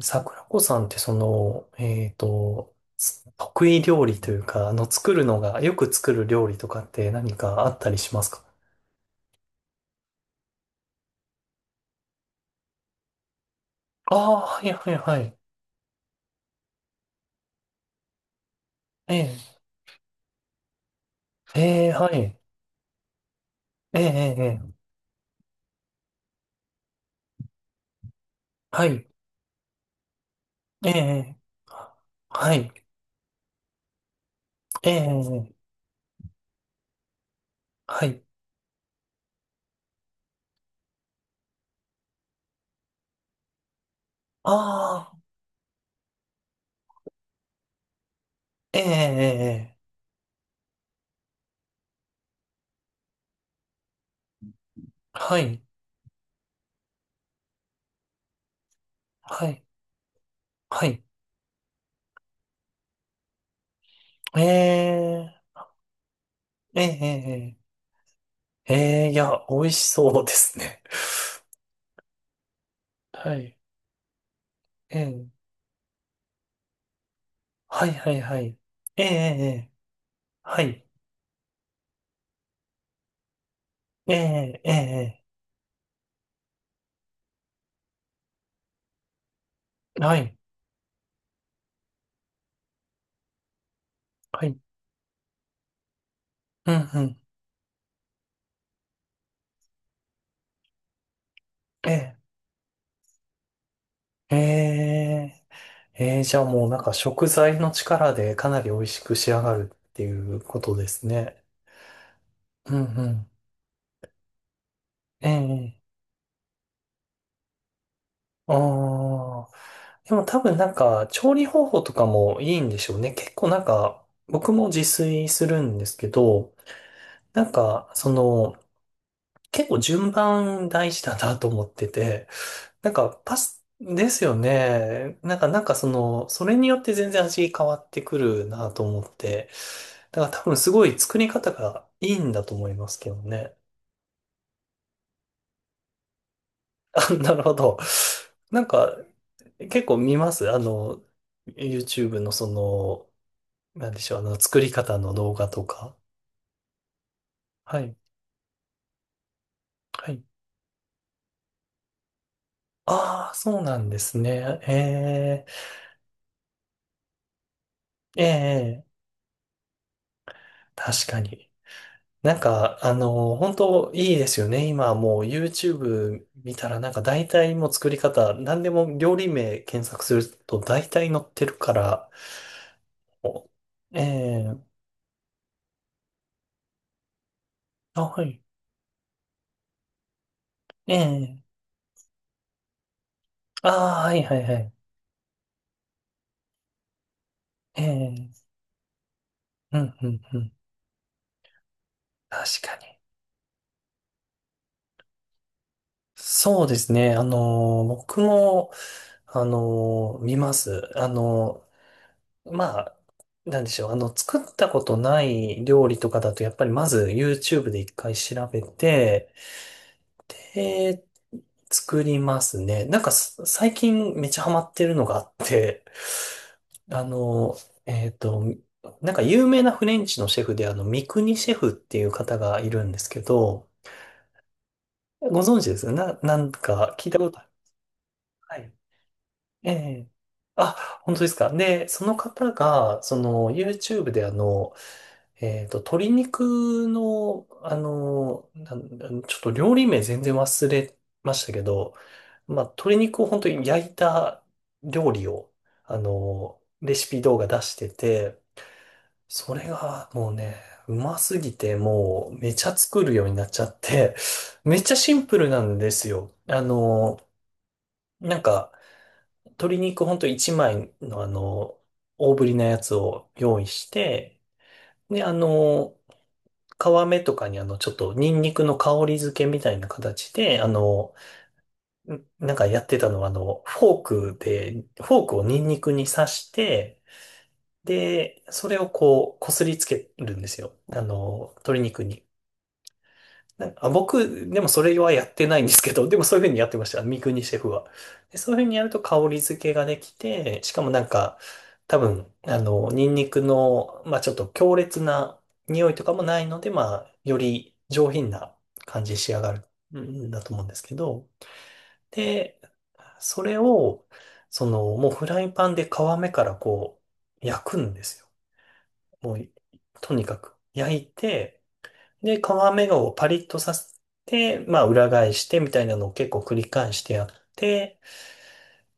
桜子さんってつ得意料理というか、作るのが、よく作る料理とかって何かあったりしますか？ああー、はいはいはい。ええ、ええ、はい。ええ、ええ、ええ、はい。ええ、ええ、はい。ええ、ええ、はい。ああ、ええ、ええ、ええ、はい。はい。はい。ええ、ええ、ええ、ええ、いや、美味しそうですね。はい。ええ、はいはいはい。ええ、ええ。はい。ええ、ええ、はい。はい。うん、うん。ええ、ええ、ええ、じゃあもうなんか食材の力でかなり美味しく仕上がるっていうことですね。うん、うん。ええ、ああ。でも多分なんか調理方法とかもいいんでしょうね。結構なんか僕も自炊するんですけど、なんかその結構順番大事だなと思ってて、なんか、ですよね。なんか、それによって全然味変わってくるなと思って。だから多分すごい作り方がいいんだと思いますけどね。あ、なるほど。なんか、結構見ます、YouTube のなんでしょう、作り方の動画とか。はい。はい。ああ、そうなんですね。ええ、ええ、確かに。本当いいですよね。今はもう YouTube 見たらなんか大体もう作り方、何でも料理名検索すると大体載ってるから、お、ええ、あ、はい、ええ、ああ、はいはいはい、ええ、うん、うん、うん。確かに。そうですね。あの、僕も、あの、見ます。まあ、なんでしょう。あの、作ったことない料理とかだと、やっぱりまず YouTube で一回調べて、えー、作りますね。なんかす最近めっちゃハマってるのがあって、あの、えっと、なんか有名なフレンチのシェフで、三國シェフっていう方がいるんですけど、ご存知ですよな、なんか聞いたことある。ええ。あ、本当ですか。で、その方が、その YouTube で、鶏肉の、あの、なんなんちょっと料理名全然忘れましたけど、まあ、鶏肉を本当に焼いた料理を、レシピ動画出してて、それがもうね、うますぎて、もうめちゃ作るようになっちゃって、めっちゃシンプルなんですよ。なんか、鶏肉ほんと1枚の、大ぶりなやつを用意して、で、あの、皮目とかに、ちょっとニンニクの香り付けみたいな形で、なんかやってたのは、フォークで、フォークをニンニクに刺して、で、それをこう、こすりつけるんですよ。あの、鶏肉に。僕、でもそれはやってないんですけど、でもそういうふうにやってました、三國シェフは。で、そういうふうにやると香り付けができて、しかもなんか、多分、あの、ニンニクの、まあちょっと強烈な匂いとかもないので、まあ、より上品な感じに仕上がるんだと思うんですけど、で、それを、その、もうフライパンで皮目からこう、焼くんですよ。もう、とにかく焼いて、で、皮目をパリッとさせて、まあ裏返してみたいなのを結構繰り返してやって、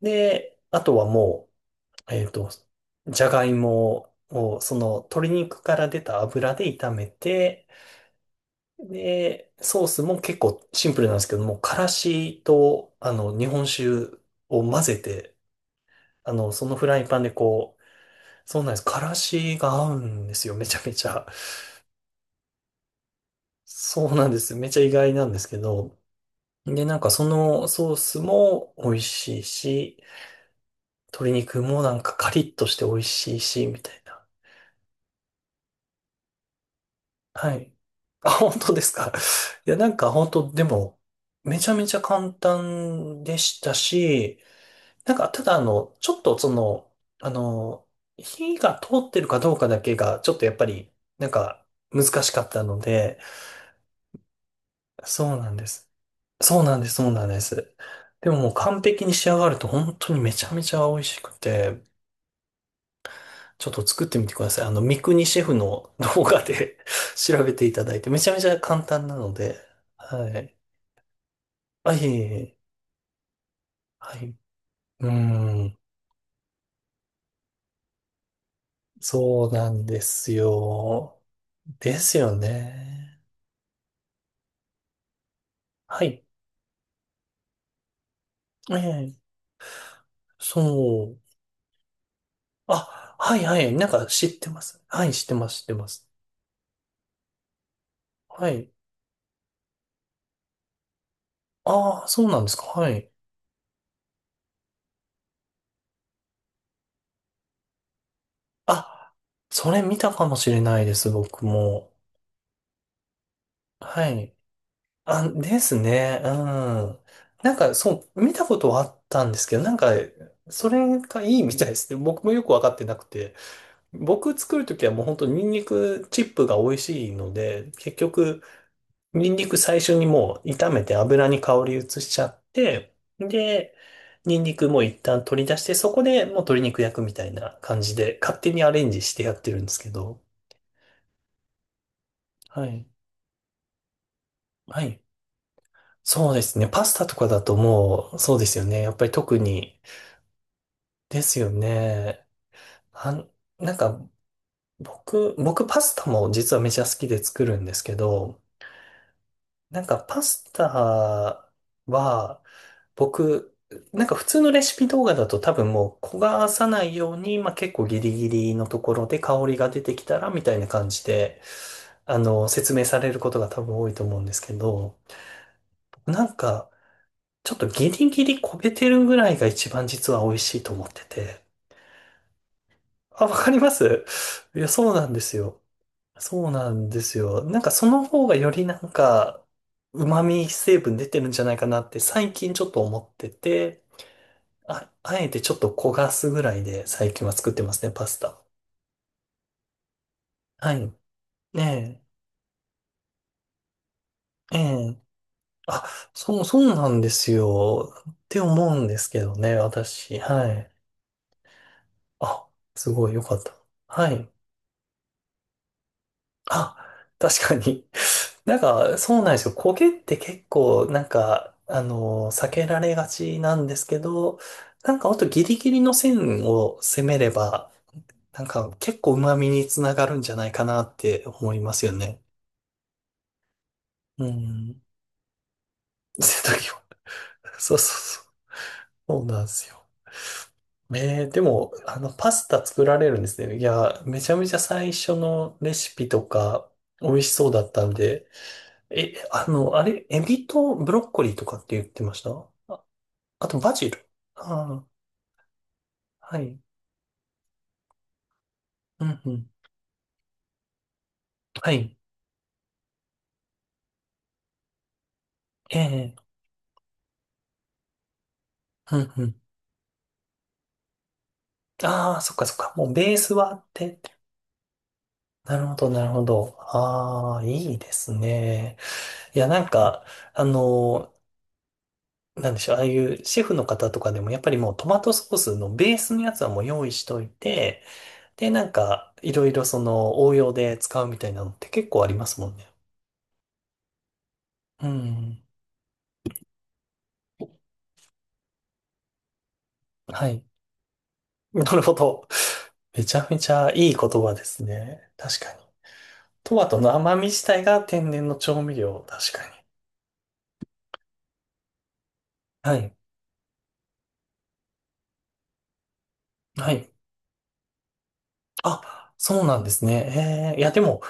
で、あとはもう、じゃがいもをその鶏肉から出た油で炒めて、で、ソースも結構シンプルなんですけども、からしと、あの、日本酒を混ぜて、あの、そのフライパンでこう、そうなんです。からしが合うんですよ、めちゃめちゃ。そうなんです、めちゃ意外なんですけど。で、なんかそのソースも美味しいし、鶏肉もなんかカリッとして美味しいし、みたいな。はい。あ、本当ですか。いや、なんか本当、でも、めちゃめちゃ簡単でしたし、なんかただあの、ちょっとその、あの、火が通ってるかどうかだけが、ちょっとやっぱり、なんか難しかったので、そうなんです。そうなんです、そうなんです。でももう完璧に仕上がると本当にめちゃめちゃ美味しくて、ちょっと作ってみてください。あの、三國シェフの動画で 調べていただいて、めちゃめちゃ簡単なので、はい。あ、いえいえ、はい。うん、そうなんですよ。ですよね。はい。ええ、そう。あ、はいはい。なんか知ってます。はい、知ってます、知ってます。はい。ああ、そうなんですか。はい。あ、それ見たかもしれないです、僕も。はい。あ、ですね。うん。なんか、そう、見たことはあったんですけど、なんか、それがいいみたいですね。僕もよくわかってなくて。僕作るときはもう本当ニンニクチップが美味しいので、結局、ニンニク最初にもう炒めて油に香り移しちゃって、で、ニンニクも一旦取り出して、そこでもう鶏肉焼くみたいな感じで、勝手にアレンジしてやってるんですけど。はい。はい。そうですね。パスタとかだともう、そうですよね。やっぱり特に、ですよね。あん、なんか、僕パスタも実はめちゃ好きで作るんですけど、なんかパスタは、僕、なんか普通のレシピ動画だと多分もう焦がさないように、まあ結構ギリギリのところで香りが出てきたらみたいな感じで、あの、説明されることが多分多いと思うんですけど、なんか、ちょっとギリギリ焦げてるぐらいが一番実は美味しいと思ってて。あ、わかります、いや、そうなんですよ。そうなんですよ。なんかその方がよりなんか、旨味成分出てるんじゃないかなって最近ちょっと思ってて、あえてちょっと焦がすぐらいで最近は作ってますね、パスタ。はい。ねえ、ええ。あ、そう、そうなんですよ。って思うんですけどね、私。はい。あ、すごいよかった。はい。あ、確かに。なんか、そうなんですよ。焦げって結構、なんか、あの、避けられがちなんですけど、なんか、あとギリギリの線を攻めれば、なんか、結構旨味につながるんじゃないかなって思いますよね。うん。瀬戸際。そうそうそう。そうなんですよ。えー、でも、あの、パスタ作られるんですね。いや、めちゃめちゃ最初のレシピとか、美味しそうだったんで、え、あの、あれ、エビとブロッコリーとかって言ってました、あ、あとバジル。ああ、はい。うんうん。はい。ええ、うんうん。ああ、そっかそっか。もうベースはあって。なるほど、なるほど。ああ、いいですね。いや、なんか、あの、なんでしょう、ああいうシェフの方とかでも、やっぱりもうトマトソースのベースのやつはもう用意しといて、で、なんか、いろいろその応用で使うみたいなのって結構ありますもんね。うん。はい。なるほど。めちゃめちゃいい言葉ですね。確かに。トマトの甘み自体が天然の調味料。確かに。はい。はい。あ、そうなんですね。えー、いや、でも、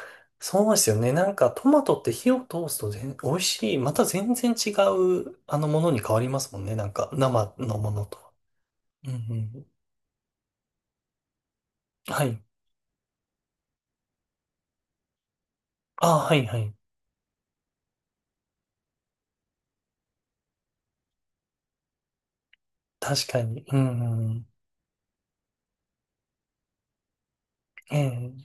そうですよね。なんか、トマトって火を通すと全美味しい。また全然違う、あの、ものに変わりますもんね。なんか、生のものとは。うんうん。はい。あ、はいはい。確かに。うんうん。えー、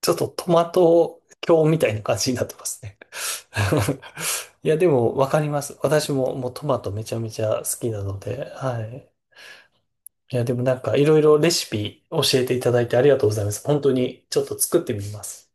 ちょっとトマト教みたいな感じになってますね。いや、でも、わかります。私も、もうトマトめちゃめちゃ好きなので、はい。いや、でもなんか、いろいろレシピ教えていただいてありがとうございます。本当に、ちょっと作ってみます。